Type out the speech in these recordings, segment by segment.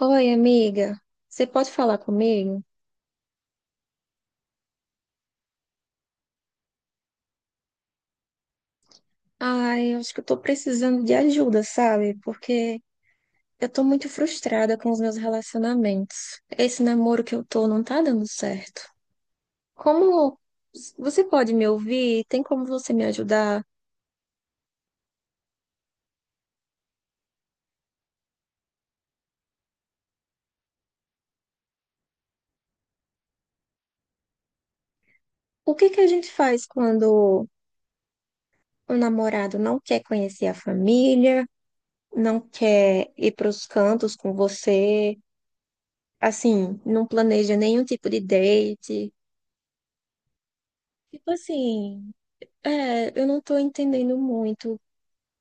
Oi, amiga, você pode falar comigo? Ai, eu acho que eu tô precisando de ajuda, sabe? Porque eu tô muito frustrada com os meus relacionamentos. Esse namoro que eu tô não tá dando certo. Como você pode me ouvir? Tem como você me ajudar? O que que a gente faz quando o namorado não quer conhecer a família, não quer ir para os cantos com você, assim, não planeja nenhum tipo de date? Tipo assim. É, eu não tô entendendo muito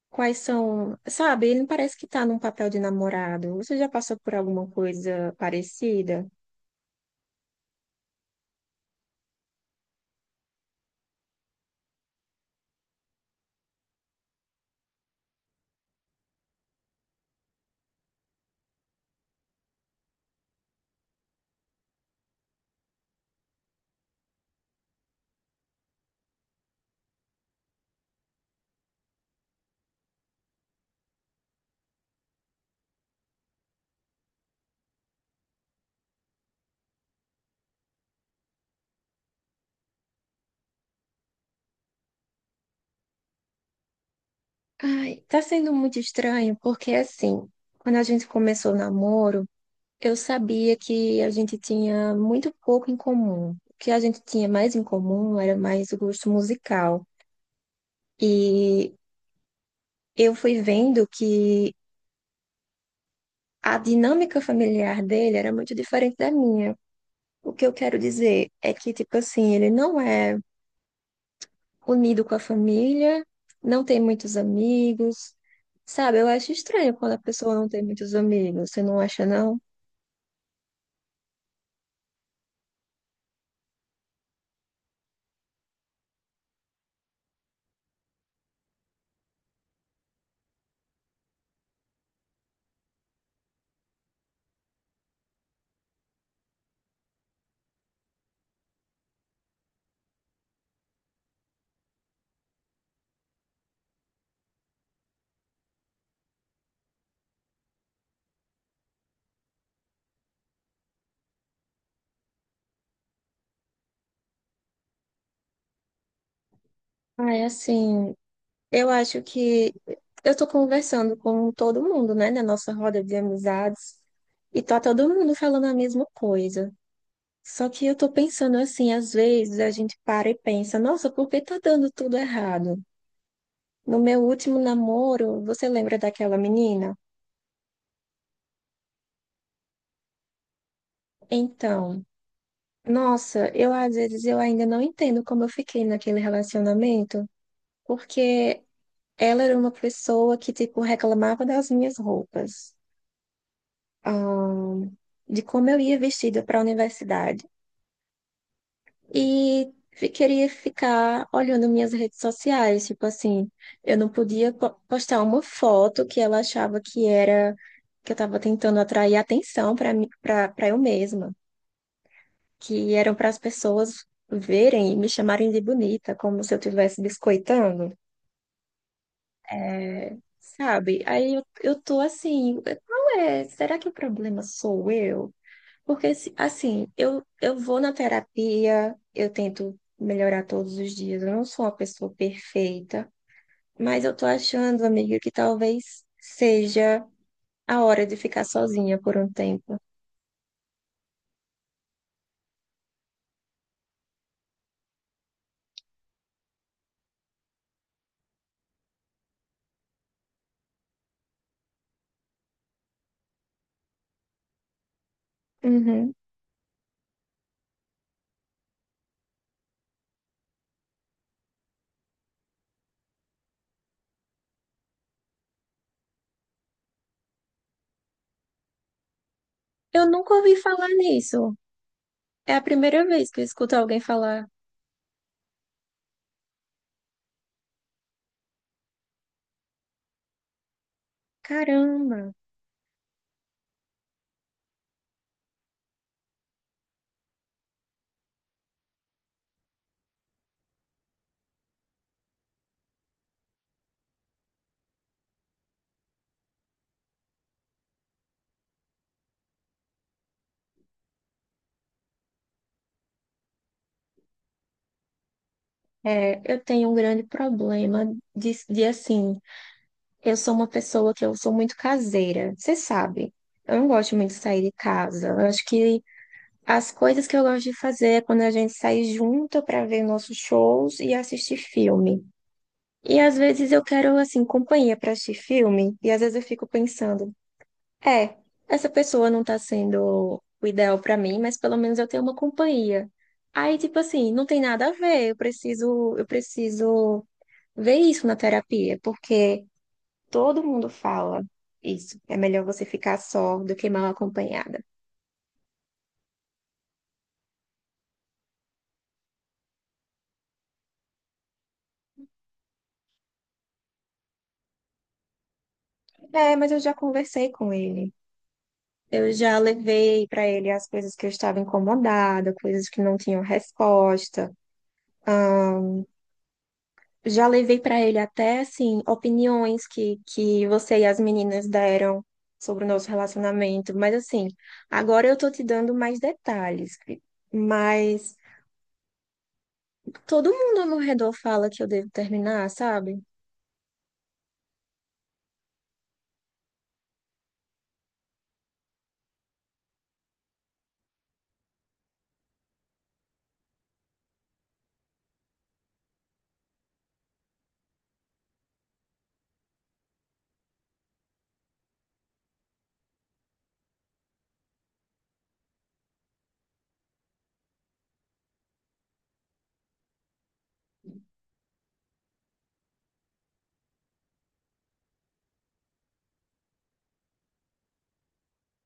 quais são, sabe? Ele parece que tá num papel de namorado. Você já passou por alguma coisa parecida? Ai, tá sendo muito estranho, porque assim, quando a gente começou o namoro, eu sabia que a gente tinha muito pouco em comum. O que a gente tinha mais em comum era mais o gosto musical. E eu fui vendo que a dinâmica familiar dele era muito diferente da minha. O que eu quero dizer é que, tipo assim, ele não é unido com a família, não tem muitos amigos, sabe? Eu acho estranho quando a pessoa não tem muitos amigos, você não acha, não? Ai, assim, eu acho que eu tô conversando com todo mundo, né, na nossa roda de amizades, e tá todo mundo falando a mesma coisa. Só que eu tô pensando assim, às vezes a gente para e pensa, nossa, por que tá dando tudo errado? No meu último namoro, você lembra daquela menina? Então, nossa, eu às vezes eu ainda não entendo como eu fiquei naquele relacionamento, porque ela era uma pessoa que, tipo, reclamava das minhas roupas, ahn, de como eu ia vestida para a universidade. E queria ficar olhando minhas redes sociais, tipo assim, eu não podia postar uma foto que ela achava que era, que eu estava tentando atrair atenção para mim, para eu mesma. Que eram para as pessoas verem e me chamarem de bonita, como se eu estivesse biscoitando, é, sabe? Aí eu tô assim, qual é? Será que o problema sou eu? Porque, assim, eu vou na terapia, eu tento melhorar todos os dias, eu não sou uma pessoa perfeita, mas eu tô achando, amiga, que talvez seja a hora de ficar sozinha por um tempo. Uhum. Eu nunca ouvi falar nisso. É a primeira vez que eu escuto alguém falar. Caramba, é, eu tenho um grande problema de assim, eu sou uma pessoa que eu sou muito caseira, você sabe. Eu não gosto muito de sair de casa. Eu acho que as coisas que eu gosto de fazer é quando a gente sai junto para ver nossos shows e assistir filme. E às vezes eu quero assim companhia para assistir filme, e às vezes eu fico pensando. É, essa pessoa não tá sendo o ideal pra mim, mas pelo menos eu tenho uma companhia. Aí, tipo assim, não tem nada a ver, eu preciso ver isso na terapia, porque todo mundo fala isso. É melhor você ficar só do que mal acompanhada. É, mas eu já conversei com ele. Eu já levei pra ele as coisas que eu estava incomodada, coisas que não tinham resposta. Já levei para ele até assim opiniões que você e as meninas deram sobre o nosso relacionamento, mas assim, agora eu tô te dando mais detalhes. Mas todo mundo ao meu redor fala que eu devo terminar, sabe?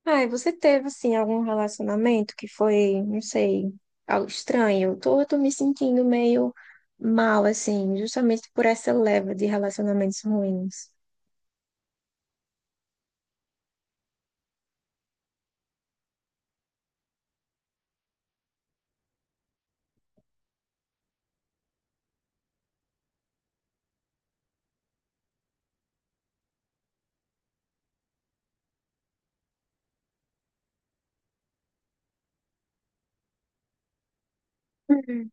Ai, você teve assim algum relacionamento que foi, não sei, algo estranho? Eu tô me sentindo meio mal assim, justamente por essa leva de relacionamentos ruins. Uhum.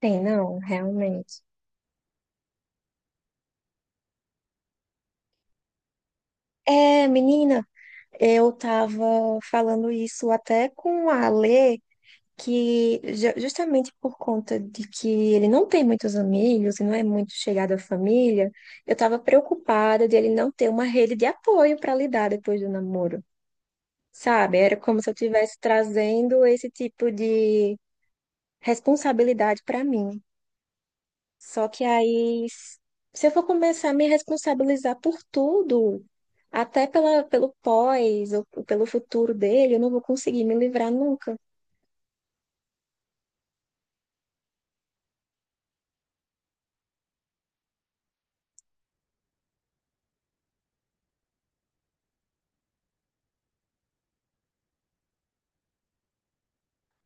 Tem, não, realmente. É, menina, eu estava falando isso até com a Lê, que justamente por conta de que ele não tem muitos amigos e não é muito chegado à família, eu estava preocupada de ele não ter uma rede de apoio para lidar depois do namoro, sabe? Era como se eu estivesse trazendo esse tipo de responsabilidade para mim. Só que aí, se eu for começar a me responsabilizar por tudo, até pelo pós ou pelo futuro dele, eu não vou conseguir me livrar nunca.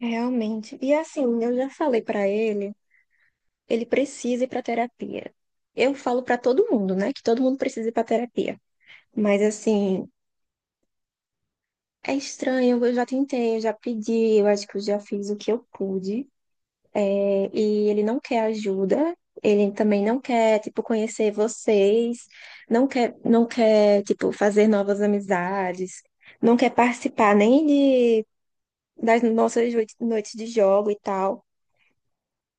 Realmente. E assim, eu já falei pra ele, ele precisa ir pra terapia. Eu falo pra todo mundo, né, que todo mundo precisa ir pra terapia. Mas assim, é estranho, eu já tentei, eu já pedi, eu acho que eu já fiz o que eu pude. É, e ele não quer ajuda, ele também não quer, tipo, conhecer vocês, não quer, tipo, fazer novas amizades, não quer participar nem de, das nossas noites de jogo e tal.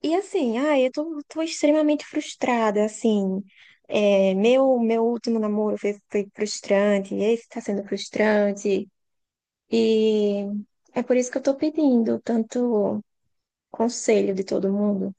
E assim, ai, eu tô extremamente frustrada, assim. É, meu último namoro foi frustrante, esse tá sendo frustrante. E é por isso que eu tô pedindo tanto conselho de todo mundo.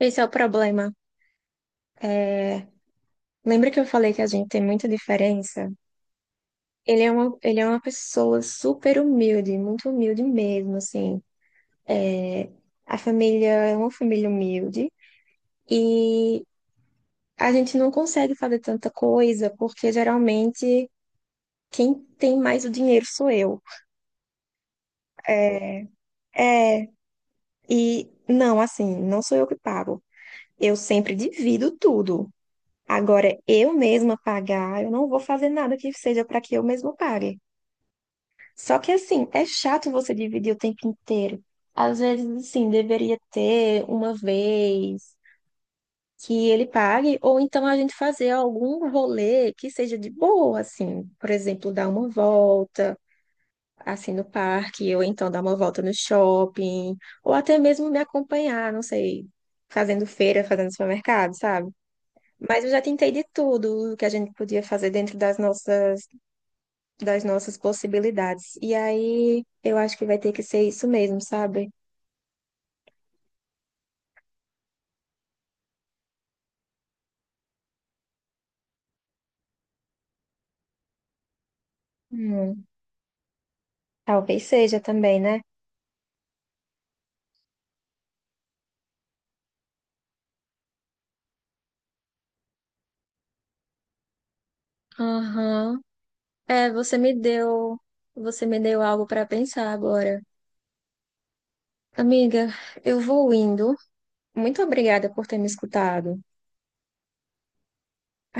Esse é o problema. É, lembra que eu falei que a gente tem muita diferença? Ele é uma pessoa super humilde, muito humilde mesmo, assim. É, a família é uma família humilde e a gente não consegue fazer tanta coisa porque geralmente quem tem mais o dinheiro sou eu. É, é, e não, assim, não sou eu que pago. Eu sempre divido tudo. Agora, eu mesma pagar, eu não vou fazer nada que seja para que eu mesma pague. Só que assim, é chato você dividir o tempo inteiro. Às vezes, assim, deveria ter uma vez que ele pague, ou então a gente fazer algum rolê que seja de boa, assim, por exemplo, dar uma volta, assim, no parque, ou então dar uma volta no shopping, ou até mesmo me acompanhar, não sei, fazendo feira, fazendo supermercado, sabe? Mas eu já tentei de tudo o que a gente podia fazer dentro das nossas possibilidades. E aí eu acho que vai ter que ser isso mesmo, sabe? Hum, talvez seja também, né? Aham. É, você me deu algo para pensar agora. Amiga, eu vou indo. Muito obrigada por ter me escutado.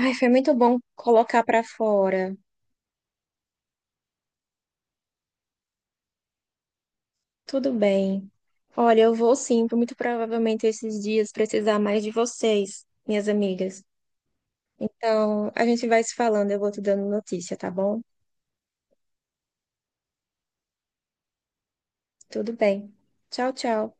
Ai, foi muito bom colocar para fora. Tudo bem. Olha, eu vou sim, muito provavelmente esses dias precisar mais de vocês, minhas amigas. Então, a gente vai se falando, eu vou te dando notícia, tá bom? Tudo bem. Tchau, tchau.